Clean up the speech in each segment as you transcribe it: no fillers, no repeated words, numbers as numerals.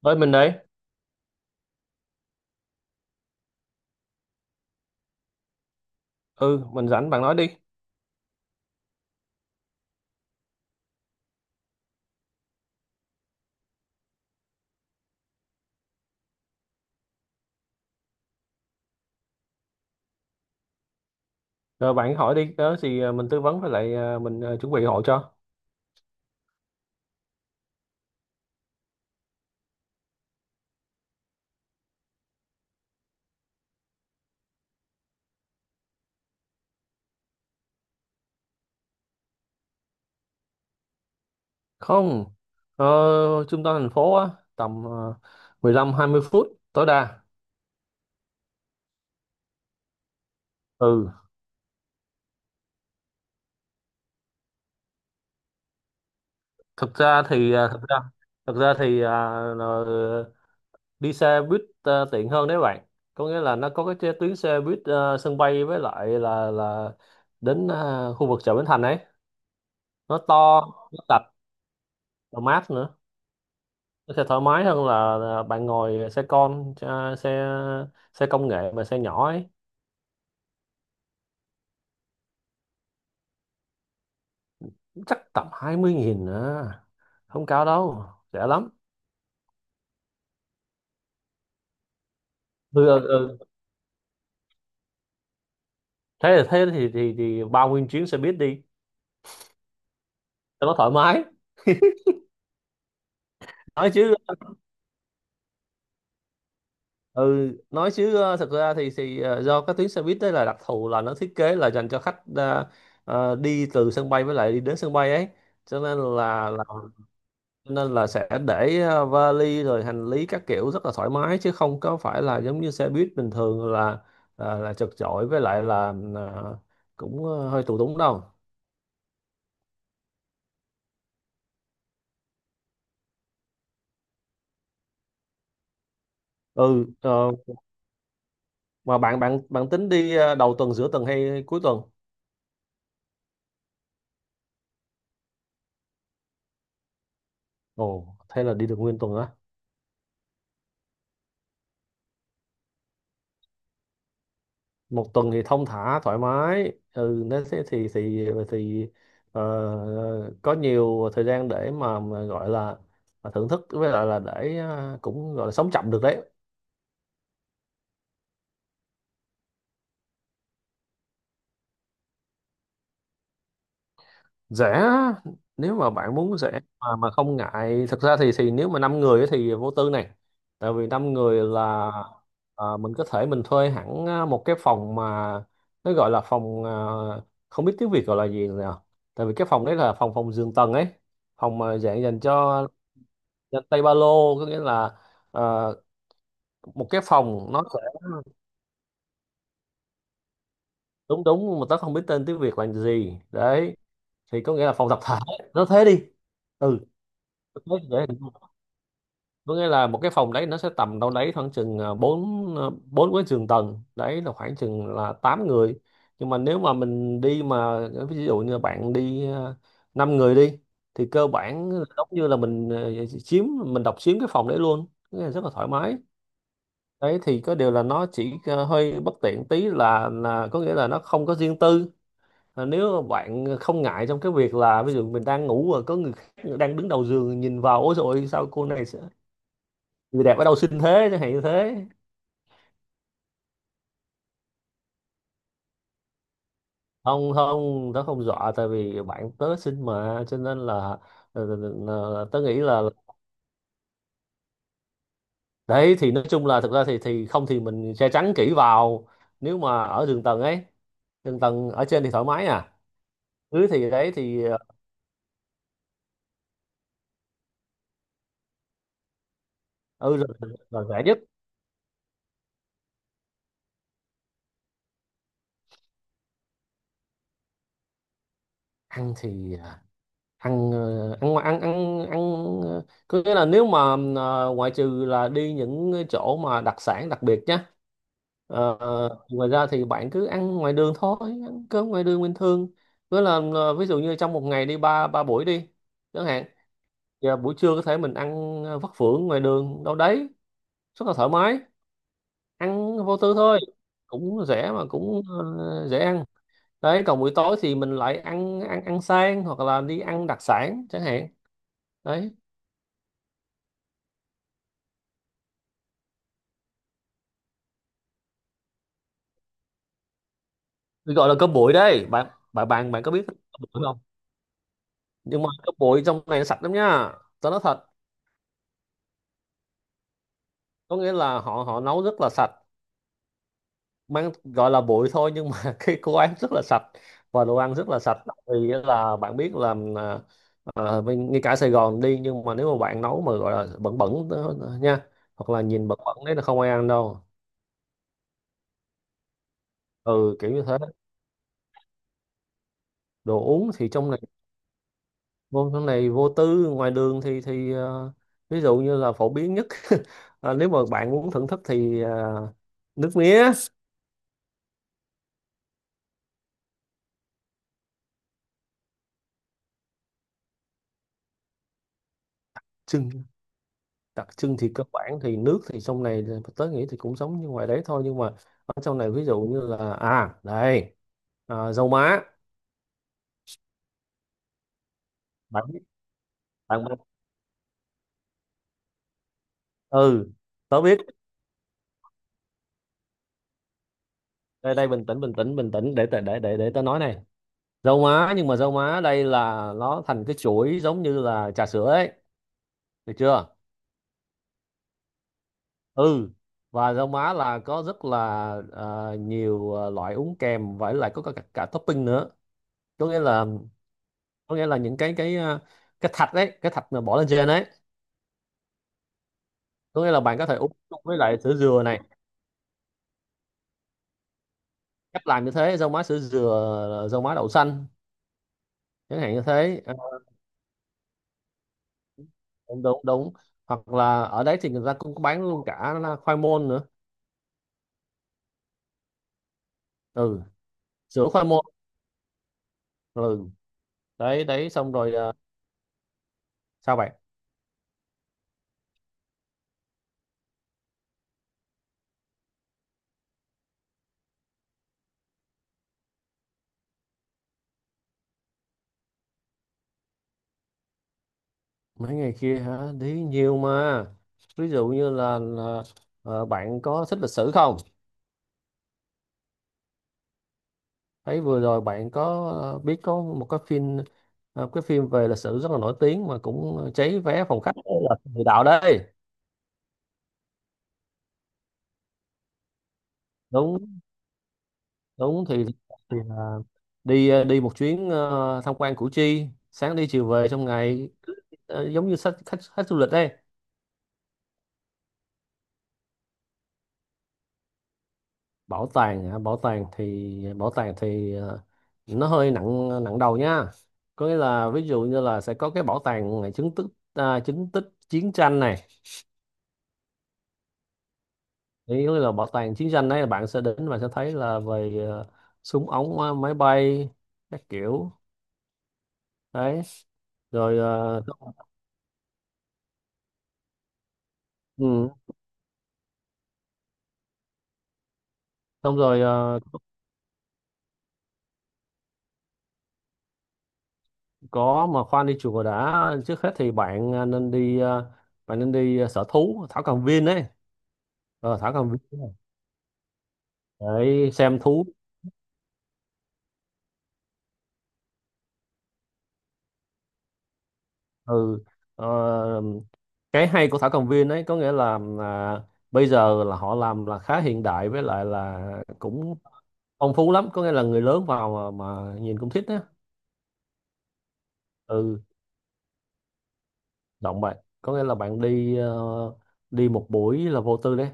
Ơi mình đấy. Ừ, mình rảnh bạn nói đi. Rồi bạn hỏi đi, đó thì mình tư vấn với lại mình chuẩn bị hộ cho. Không. Ờ, trung tâm thành phố á, tầm 15 20 phút tối đa. Ừ, thực ra thì à, thực ra thực ra thì ờ, đi xe buýt, tiện hơn đấy bạn. Có nghĩa là nó có tuyến xe buýt, sân bay với lại là đến khu vực chợ Bến Thành ấy. Nó to, nó sạch, nó mát nữa. Nó sẽ thoải mái hơn là bạn ngồi xe con, xe xe công nghệ mà xe nhỏ ấy. Chắc tầm 20.000 à, không cao đâu, rẻ lắm. Ừ, ừ, ừ. thế là thế thì, Thì bao nguyên chuyến xe buýt đi cho nó thoải mái. Nói chứ. Ừ nói chứ, thật ra thì do các tuyến xe buýt đấy là đặc thù, là nó thiết kế là dành cho khách đi từ sân bay với lại đi đến sân bay ấy, cho nên là nên là sẽ để vali rồi hành lý các kiểu rất là thoải mái, chứ không có phải là giống như xe buýt bình thường là là chật chội với lại là cũng hơi tù túng đâu. Ừ mà bạn bạn bạn tính đi đầu tuần, giữa tuần hay cuối tuần? Ồ, thế là đi được nguyên tuần á? Một tuần thì thong thả thoải mái. Ừ nếu thế thì thì ờ, có nhiều thời gian để mà gọi là thưởng thức với lại là để cũng gọi là sống chậm được đấy. Rẻ? Nếu mà bạn muốn rẻ mà không ngại, thực ra thì nếu mà năm người ấy thì vô tư này. Tại vì năm người là, mình có thể mình thuê hẳn một cái phòng mà nó gọi là phòng, không biết tiếng Việt gọi là gì nào. Tại vì cái phòng đấy là phòng phòng giường tầng ấy, phòng mà dạng dành cho, dành tay ba lô. Có nghĩa là à, một cái phòng nó sẽ... Đúng đúng, mà tớ không biết tên tiếng Việt là gì đấy, thì có nghĩa là phòng tập thể. Nó thế đi. Ừ. Thế, dễ hình dung. Có nghĩa là một cái phòng đấy nó sẽ tầm đâu đấy khoảng chừng bốn cái giường tầng, đấy là khoảng chừng là 8 người. Nhưng mà nếu mà mình đi mà ví dụ như bạn đi, năm người đi, thì cơ bản là giống như là mình, chiếm mình độc chiếm cái phòng đấy luôn. Có nghĩa là rất là thoải mái. Đấy thì có điều là nó chỉ hơi bất tiện tí, là có nghĩa là nó không có riêng tư. À, nếu mà bạn không ngại trong cái việc là ví dụ mình đang ngủ và có người khác đang đứng đầu giường nhìn vào, ôi rồi sao cô này, người đẹp ở đâu xinh thế, chẳng hạn như thế. Không không, tớ không dọa, tại vì bạn tớ xinh mà cho nên là ờ, ờ, tớ nghĩ là. Đấy thì nói chung là thực ra thì không thì mình che chắn kỹ vào, nếu mà ở đường tầng ấy, đường tầng ở trên thì thoải mái à, dưới thì đấy thì ờ, ừ, là rẻ nhất. Ăn thì ăn, ăn ngoài- ăn ăn ăn ờ, có nghĩa là nếu mà ngoại trừ là đi những cái chỗ mà đặc sản đặc biệt nhá. Ngoài ra thì bạn cứ ăn ngoài đường thôi, ăn cơm ngoài đường bình thường. Với là ví dụ như trong một ngày đi ba ba buổi đi chẳng hạn. Giờ buổi trưa có thể mình ăn vắt phưởng ngoài đường đâu đấy, rất là thoải mái, ăn vô tư thôi, cũng rẻ mà cũng dễ ăn. Đấy còn buổi tối thì mình lại ăn ăn ăn sang hoặc là đi ăn đặc sản chẳng hạn. Đấy. Tôi gọi là cơm bụi đấy bạn. Bạn có biết cơm bụi không? Nhưng mà cơm bụi trong này sạch lắm nha, tao nói thật. Có nghĩa là họ họ nấu rất là sạch, mang gọi là bụi thôi nhưng mà cái cô ăn rất là sạch, và đồ ăn rất là sạch. Vì là bạn biết là ngay cả Sài Gòn đi, nhưng mà nếu mà bạn nấu mà gọi là bẩn bẩn đó nha, hoặc là nhìn bẩn bẩn đấy là không ai ăn đâu. Ừ kiểu như thế. Đồ uống thì trong môn sau này vô tư, ngoài đường thì ví dụ như là phổ biến nhất nếu mà bạn muốn thưởng thức thì nước mía. trưng Đặc trưng thì cơ bản thì nước thì trong này tớ nghĩ thì cũng giống như ngoài đấy thôi, nhưng mà ở trong này ví dụ như là, à đây, dầu má. Bạn biết bạn biết- ừ. Tớ biết. Đây đây, bình tĩnh bình tĩnh bình tĩnh, để tớ nói này. Dầu má, nhưng mà dầu má đây là nó thành cái chuỗi giống như là trà sữa ấy, được chưa? Ừ. Và rau má là có rất là nhiều loại uống kèm, và lại có cả, cả, topping nữa. có nghĩa là có nghĩa là những cái cái thạch đấy, cái thạch mà bỏ lên trên đấy. Có nghĩa là bạn có thể uống chung với lại sữa dừa này, cách làm như thế: rau má sữa dừa, rau má đậu xanh, chẳng hạn như thế. Ờ, đúng đúng đúng. Hoặc là ở đấy thì người ta cũng có bán luôn cả là khoai môn nữa. Ừ, sữa khoai môn. Ừ, đấy đấy xong rồi sao bạn? Mấy ngày kia hả? Đi nhiều mà. Ví dụ như là bạn có thích lịch sử không? Thấy vừa rồi bạn có biết có một cái phim, cái phim về lịch sử rất là nổi tiếng mà cũng cháy vé phòng khách, là Địa Đạo đây. Đúng đúng. Thì là đi đi một chuyến tham quan Củ Chi, sáng đi chiều về trong ngày. Giống như khách khách, khách du lịch đây. Bảo tàng hả? Bảo tàng thì, nó hơi nặng nặng đầu nha. Có nghĩa là ví dụ như là sẽ có cái bảo tàng ngày chứng tích, chứng tích chiến tranh này. Thì có nghĩa là bảo tàng chiến tranh đấy là bạn sẽ đến và sẽ thấy là về súng ống, máy bay các kiểu. Đấy rồi ừ, xong rồi có mà khoan, đi chùa đã. Trước hết thì bạn ờ, nên đi ờ, bạn nên đi sở thú Thảo Cầm Viên đấy. Thảo Cầm Viên đấy, xem thú. Ừ. ờ, cái hay của Thảo Cầm Viên ấy có nghĩa là, bây giờ là họ làm là khá hiện đại, với lại là cũng phong phú lắm. Có nghĩa là người lớn vào mà nhìn cũng thích á. Ừ, động bạn, có nghĩa là bạn đi đi một buổi là vô tư đấy.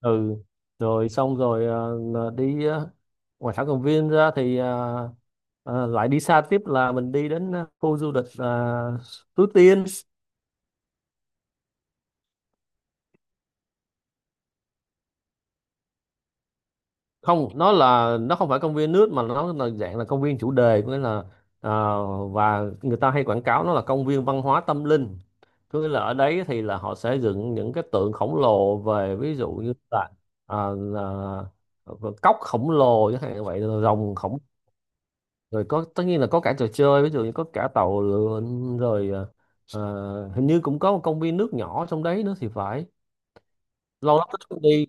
Ừ, rồi xong rồi ờ, đi ờ, ngoài Thảo Cầm Viên ra thì lại đi xa tiếp, là mình đi đến khu du lịch, Suối Tiên. Không, nó không phải công viên nước mà nó là dạng là công viên chủ đề. Có nghĩa là ờ, và người ta hay quảng cáo nó là công viên văn hóa tâm linh. Có nghĩa là ở đấy thì là họ sẽ dựng những cái tượng khổng lồ, về ví dụ như là, ờ, là ờ, cốc khổng lồ chẳng hạn như vậy, rồi rồng khổng. Rồi có, tất nhiên là có cả trò chơi, ví dụ như có cả tàu lượn, rồi hình như cũng có một công viên nước nhỏ trong đấy nữa thì phải. Lâu lắm tôi không đi.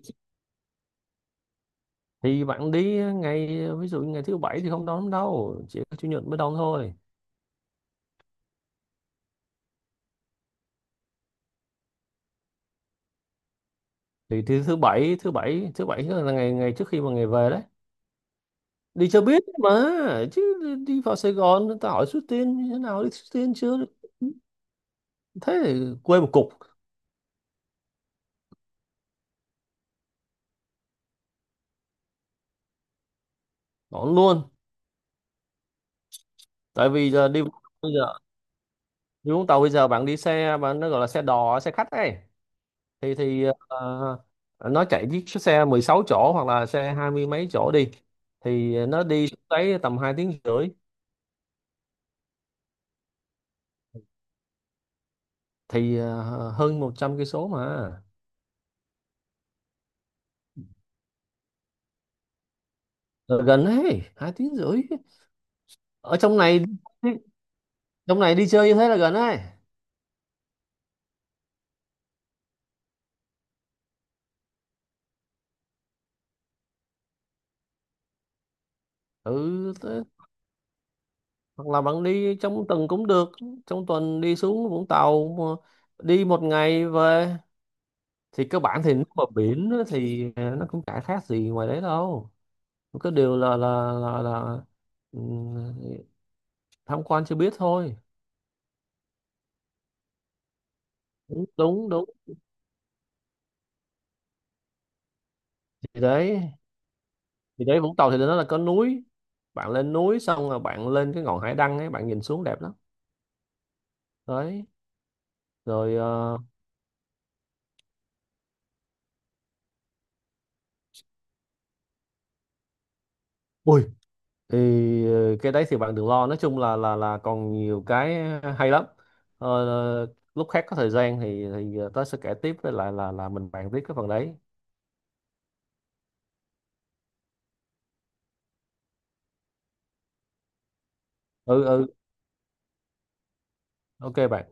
Thì bạn đi ngày ví dụ như ngày thứ bảy thì không đón lắm đâu, chỉ có chủ nhật mới đón thôi. Thì thứ bảy là ngày ngày trước khi mà ngày về đấy, đi cho biết mà chứ. Đi vào Sài Gòn người ta hỏi Suối Tiên như thế nào, đi Suối Tiên chưa, thế thì quê một cục. Đón luôn, tại vì giờ đi bây giờ đi Vũng Tàu, bây giờ bạn đi xe bạn, nó gọi là xe đò, xe khách ấy. Thì nó chạy chiếc xe 16 chỗ hoặc là xe hai mươi mấy chỗ đi, thì nó đi xuống đấy tầm 2 tiếng rưỡi. Thì hơn 100 cây số mà. Là gần đấy, 2 tiếng rưỡi. Ở trong này, trong này đi chơi như thế là gần đấy. Ừ thế. Hoặc là bạn đi trong tuần cũng được, trong tuần đi xuống Vũng Tàu mà, đi một ngày về. Thì cơ bản thì nước mà biển á thì nó cũng chả khác gì ngoài đấy đâu. Có điều là là ừ, tham quan chưa biết thôi. Đúng đúng đúng. thì đấy thì đấy, Vũng Tàu thì nó là có núi, bạn lên núi xong rồi bạn lên cái ngọn hải đăng ấy, bạn nhìn xuống đẹp lắm. Đấy rồi ờ, Ui, thì cái đấy thì bạn đừng lo, nói chung là còn nhiều cái hay lắm. Ờ, ờ, lúc khác có thời gian thì tớ sẽ kể tiếp với lại là mình bàn tiếp cái phần đấy. Ừ ừ, ok bạn.